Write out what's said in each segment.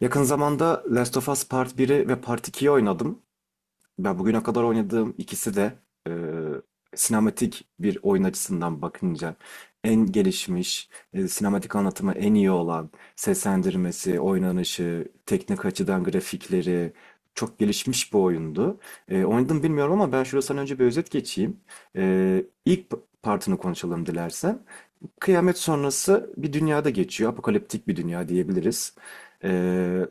Yakın zamanda Last of Us Part 1'i ve Part 2'yi oynadım. Ben bugüne kadar oynadığım ikisi de e, sinematik bir oyun açısından bakınca en gelişmiş, sinematik anlatımı en iyi olan, seslendirmesi, oynanışı, teknik açıdan grafikleri çok gelişmiş bir oyundu. Oynadım bilmiyorum ama ben şuradan önce bir özet geçeyim. E, ilk partını konuşalım dilersen. Kıyamet sonrası bir dünyada geçiyor. Apokaliptik bir dünya diyebiliriz. Ee,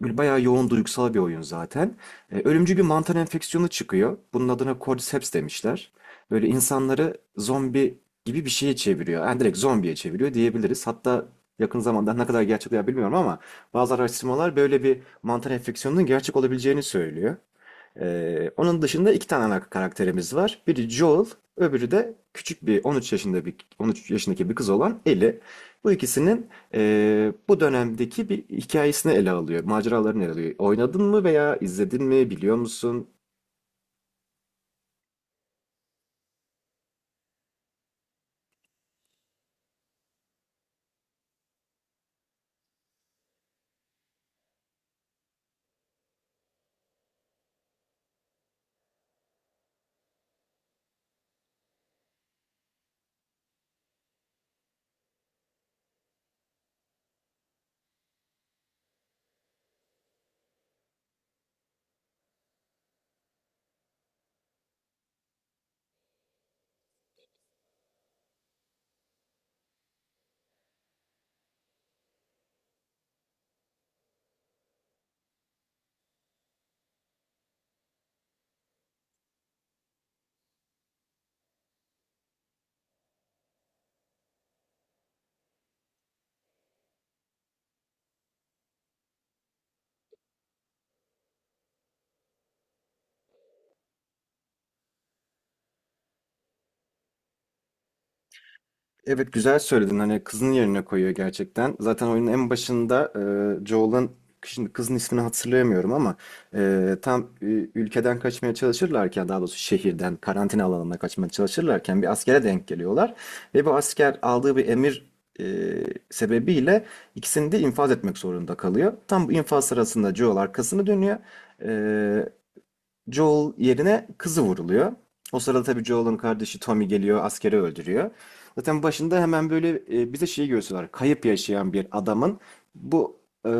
Böyle bayağı yoğun duygusal bir oyun zaten. Ölümcül bir mantar enfeksiyonu çıkıyor. Bunun adına Cordyceps demişler. Böyle insanları zombi gibi bir şeye çeviriyor. Yani direkt zombiye çeviriyor diyebiliriz. Hatta yakın zamanda ne kadar gerçek veya bilmiyorum ama bazı araştırmalar böyle bir mantar enfeksiyonunun gerçek olabileceğini söylüyor. Onun dışında iki tane ana karakterimiz var. Biri Joel, öbürü de küçük bir 13 yaşındaki bir kız olan Ellie. Bu ikisinin bu dönemdeki bir hikayesini ele alıyor, maceralarını ele alıyor. Oynadın mı veya izledin mi, biliyor musun? Evet, güzel söyledin, hani kızın yerine koyuyor gerçekten. Zaten oyunun en başında Joel'ın, şimdi kızın ismini hatırlayamıyorum ama tam ülkeden kaçmaya çalışırlarken, daha doğrusu şehirden karantina alanına kaçmaya çalışırlarken bir askere denk geliyorlar ve bu asker aldığı bir emir e, sebebiyle ikisini de infaz etmek zorunda kalıyor. Tam bu infaz sırasında Joel arkasını dönüyor. E, Joel yerine kızı vuruluyor. O sırada tabii Joel'ın kardeşi Tommy geliyor, askeri öldürüyor. Zaten başında hemen böyle bize şeyi gösteriyorlar. Kayıp yaşayan bir adamın bu e,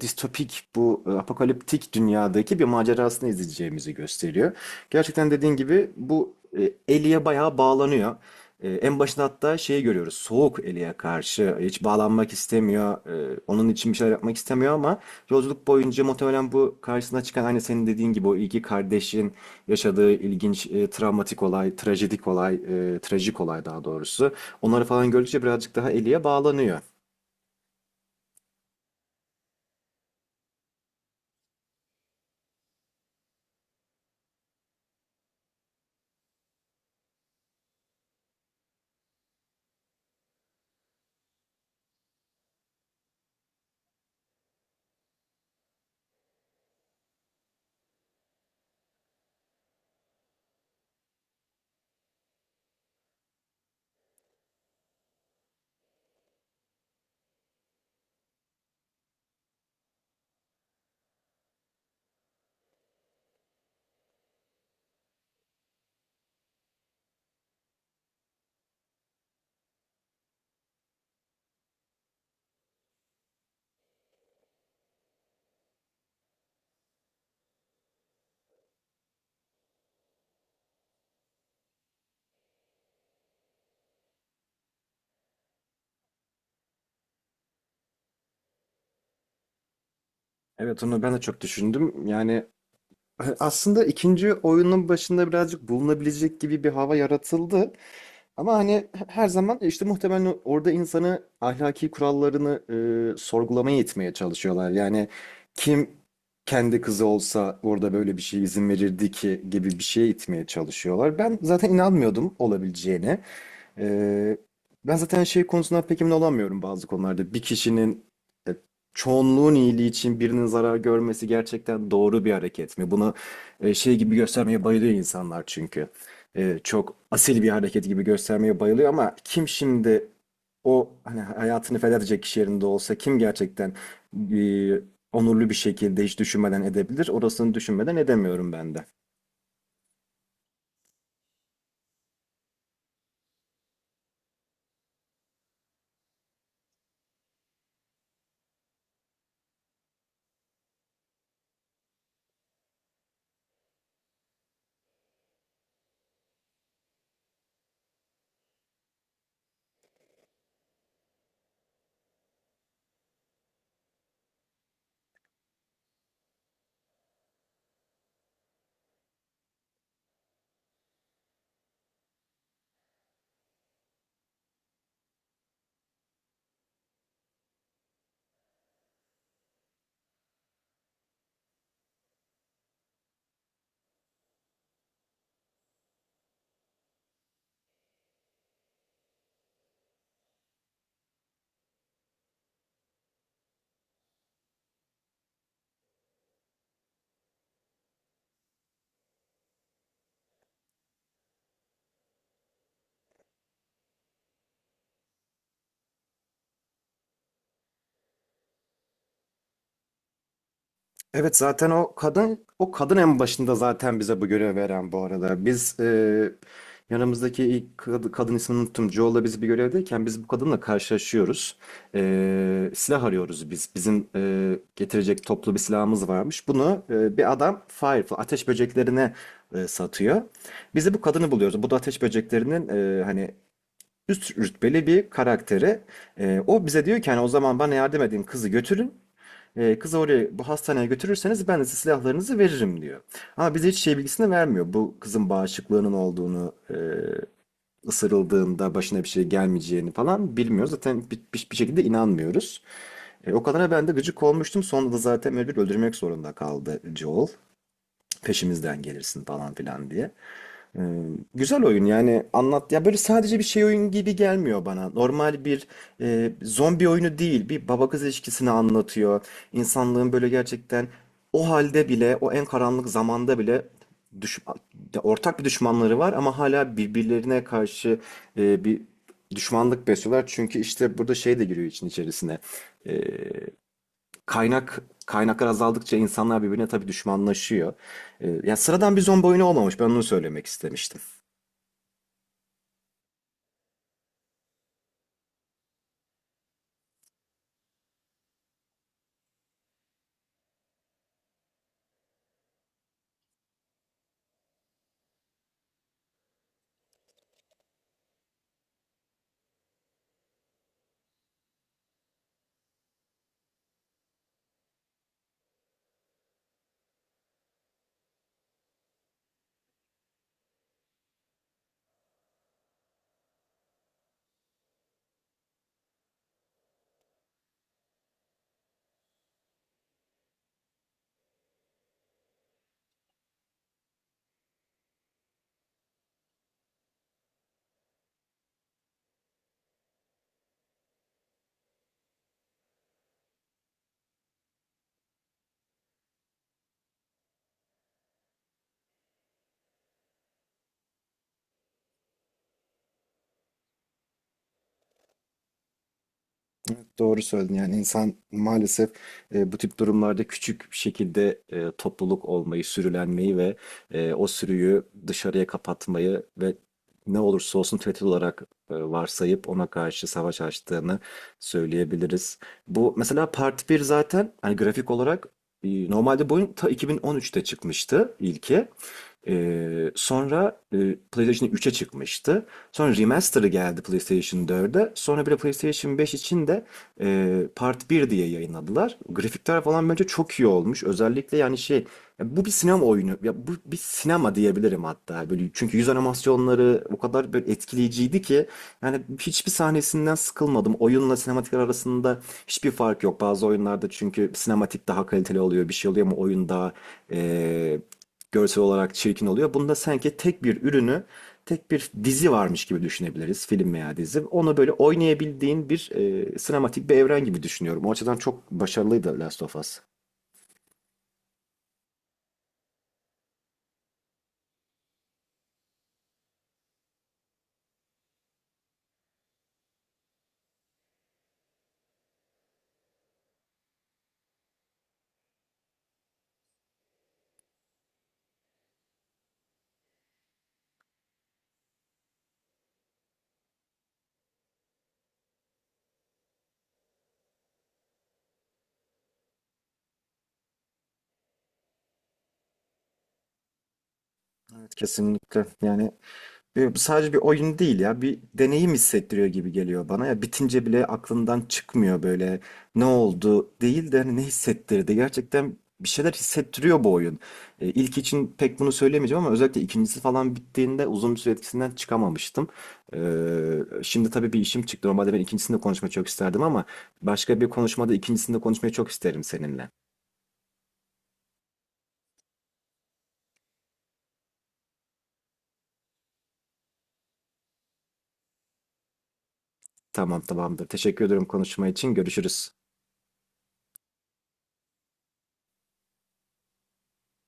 distopik, bu apokaliptik dünyadaki bir macerasını izleyeceğimizi gösteriyor. Gerçekten dediğin gibi bu Ellie'ye bayağı bağlanıyor. En başında hatta şeyi görüyoruz. Soğuk Ellie'ye karşı. Hiç bağlanmak istemiyor. Onun için bir şeyler yapmak istemiyor ama yolculuk boyunca muhtemelen bu karşısına çıkan, aynı senin dediğin gibi, o iki kardeşin yaşadığı ilginç travmatik olay, trajedik olay, trajik olay daha doğrusu. Onları falan gördükçe birazcık daha Ellie'ye bağlanıyor. Evet, onu ben de çok düşündüm. Yani aslında ikinci oyunun başında birazcık bulunabilecek gibi bir hava yaratıldı. Ama hani her zaman işte muhtemelen orada insanı ahlaki kurallarını sorgulamaya itmeye çalışıyorlar. Yani kim kendi kızı olsa orada böyle bir şey izin verirdi ki gibi bir şeye itmeye çalışıyorlar. Ben zaten inanmıyordum olabileceğine. Ee, ben zaten şey konusundan pek emin olamıyorum bazı konularda. Bir kişinin e, çoğunluğun iyiliği için birinin zarar görmesi gerçekten doğru bir hareket mi? Bunu şey gibi göstermeye bayılıyor insanlar çünkü. Çok asil bir hareket gibi göstermeye bayılıyor ama kim şimdi o, hani hayatını feda edecek kişi yerinde olsa, kim gerçekten e, onurlu bir şekilde hiç düşünmeden edebilir? Orasını düşünmeden edemiyorum ben de. Evet, zaten o kadın en başında zaten bize bu görevi veren, bu arada. Biz yanımızdaki ilk kadın, ismini unuttum, Joel'la biz bir görevdeyken biz bu kadınla karşılaşıyoruz. Silah arıyoruz biz. Bizim getirecek toplu bir silahımız varmış. Bunu bir adam Firefly ateş böceklerine satıyor. Biz de bu kadını buluyoruz. Bu da ateş böceklerinin hani üst rütbeli bir karakteri. O bize diyor ki, hani, o zaman bana yardım edin, kızı götürün. Kızı oraya, bu hastaneye götürürseniz ben de size silahlarınızı veririm diyor. Ama bize hiç şey bilgisini vermiyor. Bu kızın bağışıklığının olduğunu, ısırıldığında başına bir şey gelmeyeceğini falan bilmiyoruz. Zaten bir şekilde inanmıyoruz. O kadına ben de gıcık olmuştum. Sonra da zaten mecbur öldürmek zorunda kaldı Joel. Peşimizden gelirsin falan filan diye. Ee, güzel oyun yani, anlat ya, böyle sadece bir şey oyun gibi gelmiyor bana. Normal bir zombi oyunu değil. Bir baba kız ilişkisini anlatıyor. İnsanlığın böyle gerçekten o halde bile, o en karanlık zamanda bile, düş ya ortak bir düşmanları var ama hala birbirlerine karşı bir düşmanlık besliyorlar. Çünkü işte burada şey de giriyor için içerisine. Ee, kaynaklar azaldıkça insanlar birbirine tabii düşmanlaşıyor. Ya sıradan bir zombi oyunu olmamış. Ben onu söylemek istemiştim. Doğru söyledin. Yani insan maalesef bu tip durumlarda küçük bir şekilde topluluk olmayı, sürülenmeyi ve o sürüyü dışarıya kapatmayı ve ne olursa olsun tehdit olarak varsayıp ona karşı savaş açtığını söyleyebiliriz. Bu mesela Part 1 zaten, hani grafik olarak normalde bu oyun ta 2013'te çıkmıştı ilki. Sonra PlayStation 3'e çıkmıştı. Sonra remaster'ı geldi PlayStation 4'e. Sonra bir de PlayStation 5 için de Part 1 diye yayınladılar. Grafikler falan bence çok iyi olmuş. Özellikle yani şey, ya bu bir sinema oyunu. Ya bu bir sinema diyebilirim hatta. Böyle, çünkü yüz animasyonları o kadar böyle etkileyiciydi ki yani hiçbir sahnesinden sıkılmadım. Oyunla sinematikler arasında hiçbir fark yok. Bazı oyunlarda çünkü sinematik daha kaliteli oluyor, bir şey oluyor ama oyun daha e, görsel olarak çirkin oluyor. Bunda sanki tek bir ürünü, tek bir dizi varmış gibi düşünebiliriz. Film veya dizi. Onu böyle oynayabildiğin bir sinematik bir evren gibi düşünüyorum. O açıdan çok başarılıydı Last of Us. Evet, kesinlikle. Yani bu sadece bir oyun değil, ya bir deneyim hissettiriyor gibi geliyor bana, ya bitince bile aklından çıkmıyor. Böyle ne oldu değil de, hani ne hissettirdi, gerçekten bir şeyler hissettiriyor bu oyun. E, ilk için pek bunu söyleyemeyeceğim ama özellikle ikincisi falan bittiğinde uzun bir süre etkisinden çıkamamıştım. Şimdi tabii bir işim çıktı, normalde ben ikincisini de konuşmayı çok isterdim ama başka bir konuşmada ikincisini de konuşmayı çok isterim seninle. Tamam, tamamdır, teşekkür ederim konuşma için, görüşürüz.